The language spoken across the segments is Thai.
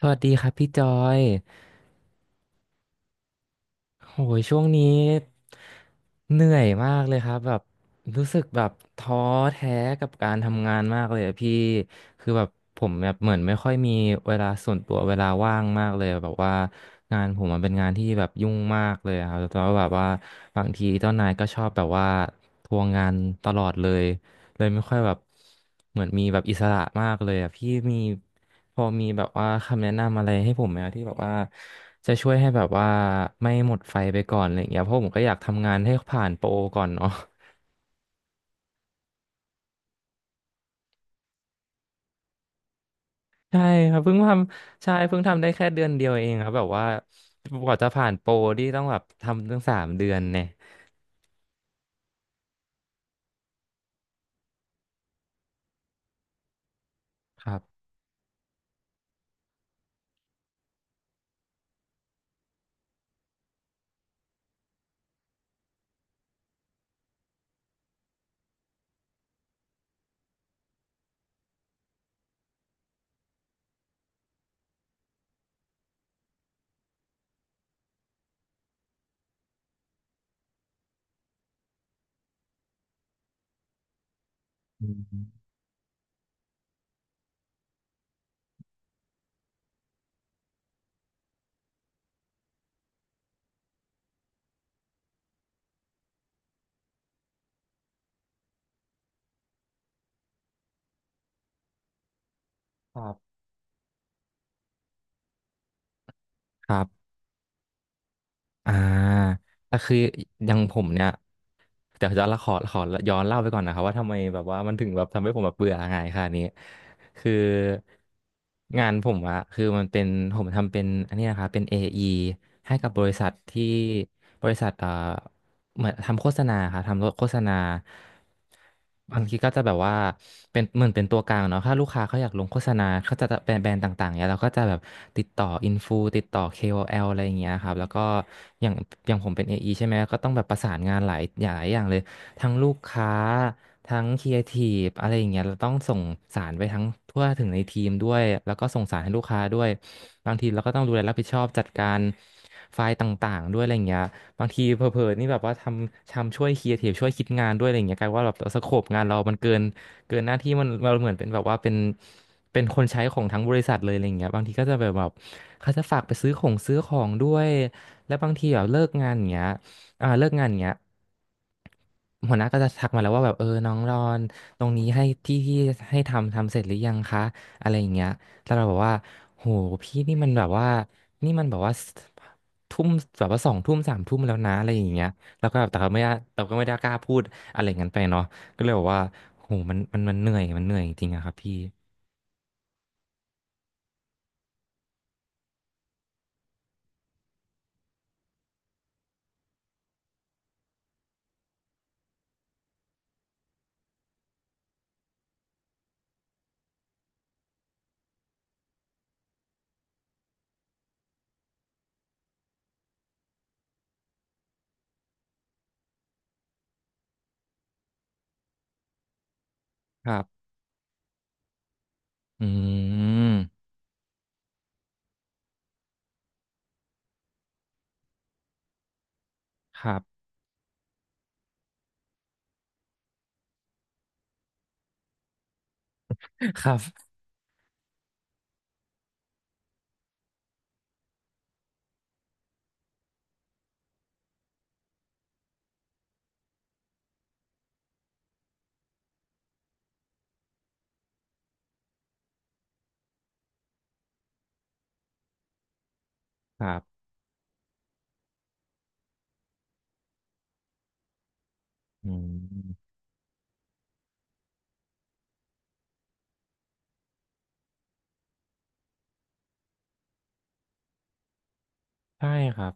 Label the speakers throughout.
Speaker 1: สวัสดีครับพี่จอย โหยช่วงนี้เหนื่อยมากเลยครับแบบรู้สึกแบบท้อแท้กับการทำงานมากเลยอะพี่คือแบบผมแบบเหมือนไม่ค่อยมีเวลาส่วนตัวเวลาว่างมากเลยแบบว่างานผมมันเป็นงานที่แบบยุ่งมากเลยอะครับแล้วแบบว่าบางทีเจ้านายก็ชอบแบบว่าทวงงานตลอดเลย เลยไม่ค่อยแบบเหมือนมีแบบอิสระมากเลยอ่ะพี่มีพอมีแบบว่าคำแนะนำอะไรให้ผมไหมอะที่แบบว่าจะช่วยให้แบบว่าไม่หมดไฟไปก่อนอะไรอย่างเงี้ยเพราะผมก็อยากทำงานให้ผ่านโปรก่อนเนาะ ใช่ครับเพิ่งทำใช่เพิ่งทำได้แค่เดือนเดียวเองครับแบบว่ากว่าจะผ่านโปรที่ต้องแบบทำตั้งสามเดือนเนี่ยครับอืมครับครับอ่าแต่คืออย่างผมเนี่ย แต่จะละขอย้อนเล่าไปก่อนนะครับว่าทำไมแบบว่ามันถึงแบบทำให้ผมแบบเบื่องายขนค่ะนี้คืองานผมอะคือมันเป็นผมทำเป็นอันนี้นะครับเป็น AE ให้กับบริษัทที่บริษัทเหมือนทำโฆษณาค่ะทำโฆษณาบางทีก็จะแบบว่าเป็นเหมือนเป็นตัวกลางเนาะถ้าลูกค้าเขาอยากลงโฆษณาเขาจะแบรนด์ต่างๆเนี่ยเราก็จะแบบติดต่ออินฟูติดต่อ KOL อแอลอะไรอย่างเงี้ยครับแล้วก็อย่างอย่างผมเป็น AE ใช่ไหมก็ต้องแบบประสานงานหลายอย่างเลยทั้งลูกค้าทั้งครีเอทีฟอะไรอย่างเงี้ยเราต้องส่งสารไปทั้งทั่วถึงในทีมด้วยแล้วก็ส่งสารให้ลูกค้าด้วยบางทีเราก็ต้องดูแลรับผิดชอบจัดการไฟล์ต่างๆด้วยอะไรอย่างเงี้ย บางทีเผลอๆนี่แบบว่าทำช่วยครีเอทีฟช่วยคิดงานด้วยอะไรอย่างเงี้ยกลายว่าแบบสโคปงานเรามันเกินหน้าที่มันเราเหมือนเป็นแบบว่าเป็นคนใช้ของทั้งบริษัทเลยอะไรอย่างเงี้ยบางทีก็จะแบบเขาจะฝากไปซื้อของด้วยและบางทีแบบเลิกงานอย่างเงี้ยเลิกงานอย่างเงี้ย หัวหน้าก็จะทักมาแล้วว่าแบบเออน้องรอนตรงนี้ให้ที่ให้ทำเสร็จหรือยังคะอะไรอย่างเงี้ยแล้วเราบอกว่าโหพี่นี่มันแบบว่านี่มันแบบว่าทุ่มแบบว่าสองทุ่มสามทุ่มแล้วนะอะไรอย่างเงี้ยแล้วก็แบบแต่เราไม่ได้เราก็ไม่ได้กล้าพูดอะไรอย่างนั้นไปเนาะก็เลยบอกว่าโหมันเหนื่อยมันเหนื่อยจริงๆอะครับพี่ครับอืมครับ ครับครับอืมใช่ครับ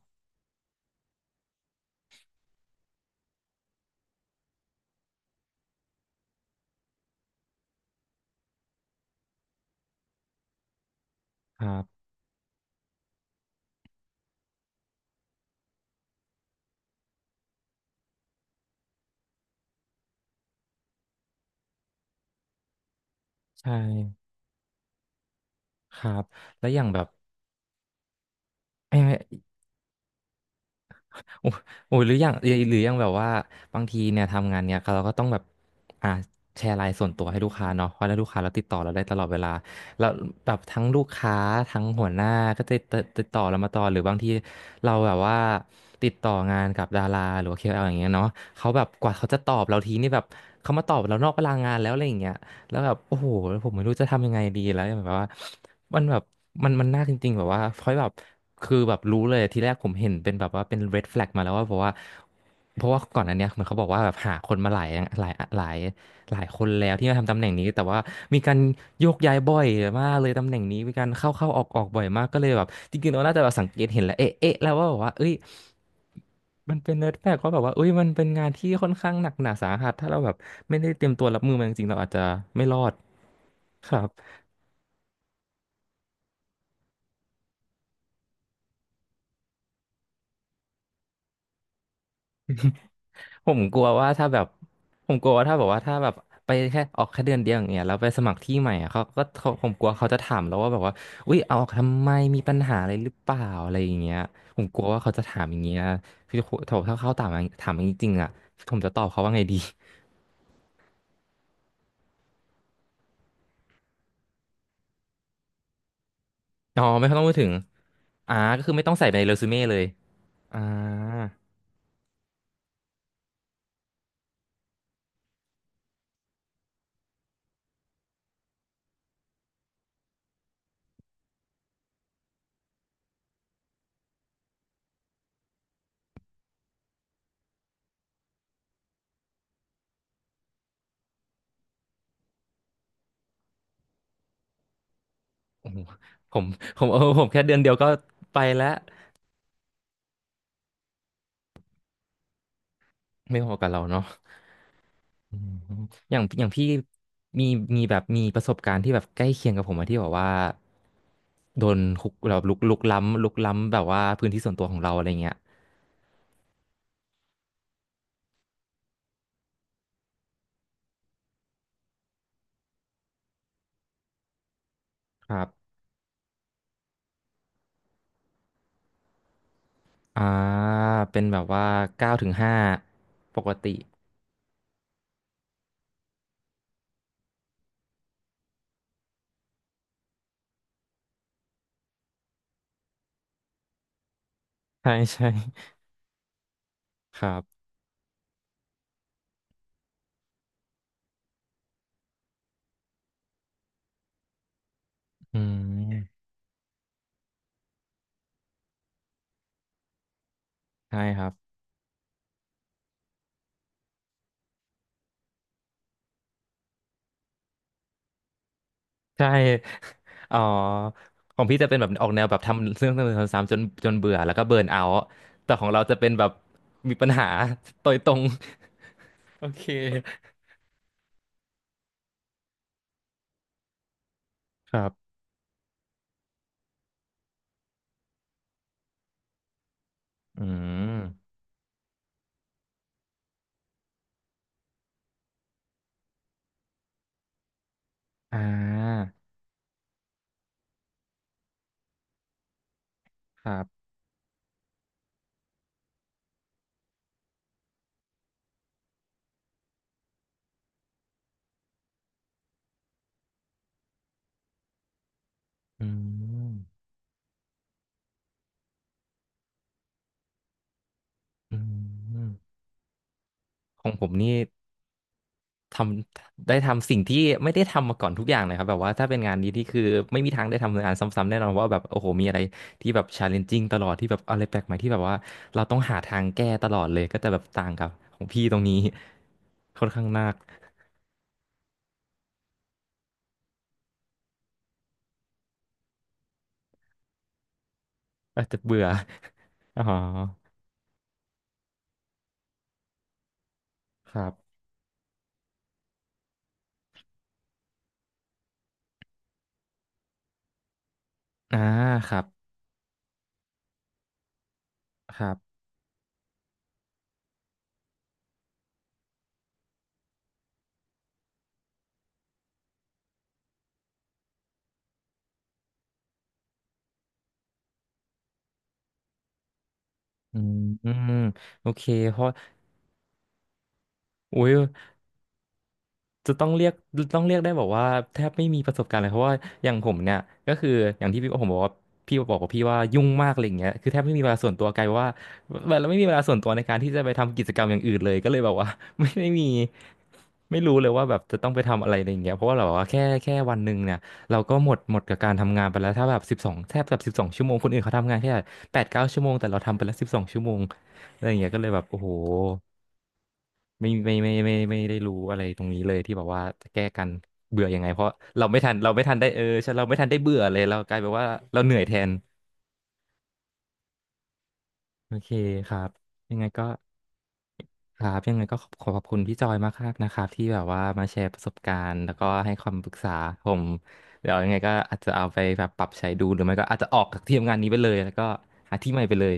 Speaker 1: ครับใช่ครับแล้วอย่างแบบ โอ้โอ้ยหรืออย่างหรืออย่างแบบว่าบางทีเนี่ยทำงานเนี่ยเราก็ต้องแบบอ่าแชร์ไลน์ส่วนตัวให้ลูกค้าเนาะเพราะถ้าลูกค้าเราติดต่อเราได้ตลอดเวลาแล้วแบบทั้งลูกค้าทั้งหัวหน้าก็จะติดต่อเรามาตลอดหรือบางทีเราแบบว่าติดต่องานกับดาราหรือว่า l อแอลอย่างเงี้ยเนาะเขาแบบกว่าเขาจะตอบเราทีนี่แบบเขามาตอบเรานอกเวลางานแล้วอะไรอย่างเงี้ย แล้วแบบโอ้โหแล้วผมไม่รู้จะทำยังไงดีแล้วแบบว่ามันแบบมันน่าจริงๆแบบว่าเพราะแบบคือแบบรู้เลยทีแรกผมเห็นเป็นแบบว่าเป็น red flag มาแล้วว่าเพราะว่าเพราะว่าก่อนอันเนี้ยเหมือนเขาบอกว่าแบบหาคนมาหลายหลายหลายคนแล้วที่มาทำตำแหน่งนี้แต่ว่ามีการโยกย้ายบ่อยมากเลยตำแหน่งนี้มีการเข้าออกบ่อยมากก็เลยแบบจริงๆเราน่าจะแบบสังเกตเห็นแล้วเอ๊ะแล้วว่าแบบว่าเอ้ย มันเป็นเนิร์ดแฟกเพราะแบบว่าเอ้ยมันเป็นงานที่ค่อนข้างหนักหนาสาหัสถ้าเราแบบไม่ได้เตรียมตัวรับมือมันจริงๆเราอาจจะไม่รอดครับผมกลัวว่าถ้าแบบผมกลัวว่าถ้าแบบว่าถ้าแบบไปแค่ออกแค่เดือนเดียวอย่างเงี้ยแล้วไปสมัครที่ใหม่อะเขาก็เขาผมกลัวเขาจะถามแล้วว่าแบบว่าอุ้ยเอาออกทำไมมีปัญหาอะไรหรือเปล่าอะไรอย่างเงี้ยผมกลัวว่าเขาจะถามอย่างเงี้ยคือถ้าเขาถามอย่างถามอย่างนี้จริงๆอะผมจะตอบเขาว่าไงดีอ๋อไม่ต้องพูดถึงอ่าก็คือไม่ต้องใส่ไปในเรซูเม่เลยอ่า โอ้โหผมผมแค่เดือนเดียวก็ไปแล้วไม่พอกับเราเนาะอืมอย่างพี่มีมีแบบมีประสบการณ์ที่แบบใกล้เคียงกับผมอะที่แบบว่าโดนคุกแบบลุกล้ำแบบว่าพื้นที่ส่วนตัวของเราอะไรเงี้ยครับอ่าเป็นแบบว่าเก้าถึงห้าปกติใช่ใช่ครับอืมใช่ครับ ใช่ อ๋อของพี่จะเป็นแบบออกแนวแบบทำเรื่องซ้ำๆจนเบื่อแล้วก็เบิร์นเอาท์แต่ของเราจะเป็นแบบมีปัญหาโดยตรง โอเค ครับ อืม อ่า ครับ อืม อืมของผมนี่ ทำได้ทำสิ่งที่ไม่ได้ทำมาก่อนทุกอย่างเลยครับแบบว่าถ้าเป็นงานนี้ที่คือไม่มีทางได้ทำงานซ้ำๆแน่นอนว่าแบบโอ้โหมีอะไรที่แบบ challenging ตลอดที่แบบอะไรแปลกใหม่ที่แบบว่าเราต้องหาทางแก้ตลอดเลยก็จะแบบต่างกับของพี่ตรงนี้ค่อนข้างมากอาจจะเบื่ออ๋อครับอ่าครับครับอืมอืมโอเคเพราะอุ้ย จะต้องเรียกได้บอกว่าแทบไม่มีประสบการณ์เลยเพราะว่าอย่างผมเนี่ยก็คืออย่างที่พี่ผมบอกว่าพี่บอกว่ายุ่งมากอะไรอย่างเงี้ยคือแทบไม่มีเวลาส่วนตัวกลายเป็นว่าเราไม่มีเวลาส่วนตัวในการที่จะไปทำกิจกรรมอย่างอื่นเลยก็เลยแบบว่า ไม่ได้มีไม่รู้เลยว่าแบบจะต้องไปทำอะไรอะไรอย่างเงี้ยเพราะว่าเราว่าแค่วันหนึ่งเนี่ยเราก็หมดกับการทำงานไปแล้วถ้าแบบสิบสองแทบแบบสิบสองชั่วโมงคนอื่นเขาทำงานแค่8-9 ชั่วโมงแต่เราทำไปแล้วสิบสองชั่วโมงอะไรอย่างเงี้ยก็เลยแบบโอ้โห ไม่ได้รู้อะไรตรงนี้เลยที่บอกว่าจะแก้กันเบื่อยังไงเพราะเราไม่ทันเราไม่ทันได้เออใช่เราไม่ทันได้เบื่อเลยเรากลายเป็นว่าเราเหนื่อยแทนโอเคครับยังไงก็ยังไงก็ขอบคุณพี่จอยมากครับนะครับที่แบบว่ามาแชร์ประสบการณ์แล้วก็ให้คำปรึกษาผมเดี๋ยวยังไงก็อาจจะเอาไปแบบปรับใช้ดูหรือไม่ก็อาจจะออกจากที่ทำงานนี้ไปเลยแล้วก็หาที่ใหม่ไปเลย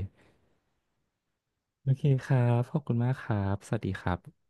Speaker 1: โอเคครับขอบคุณมากครับสวัสดีครับ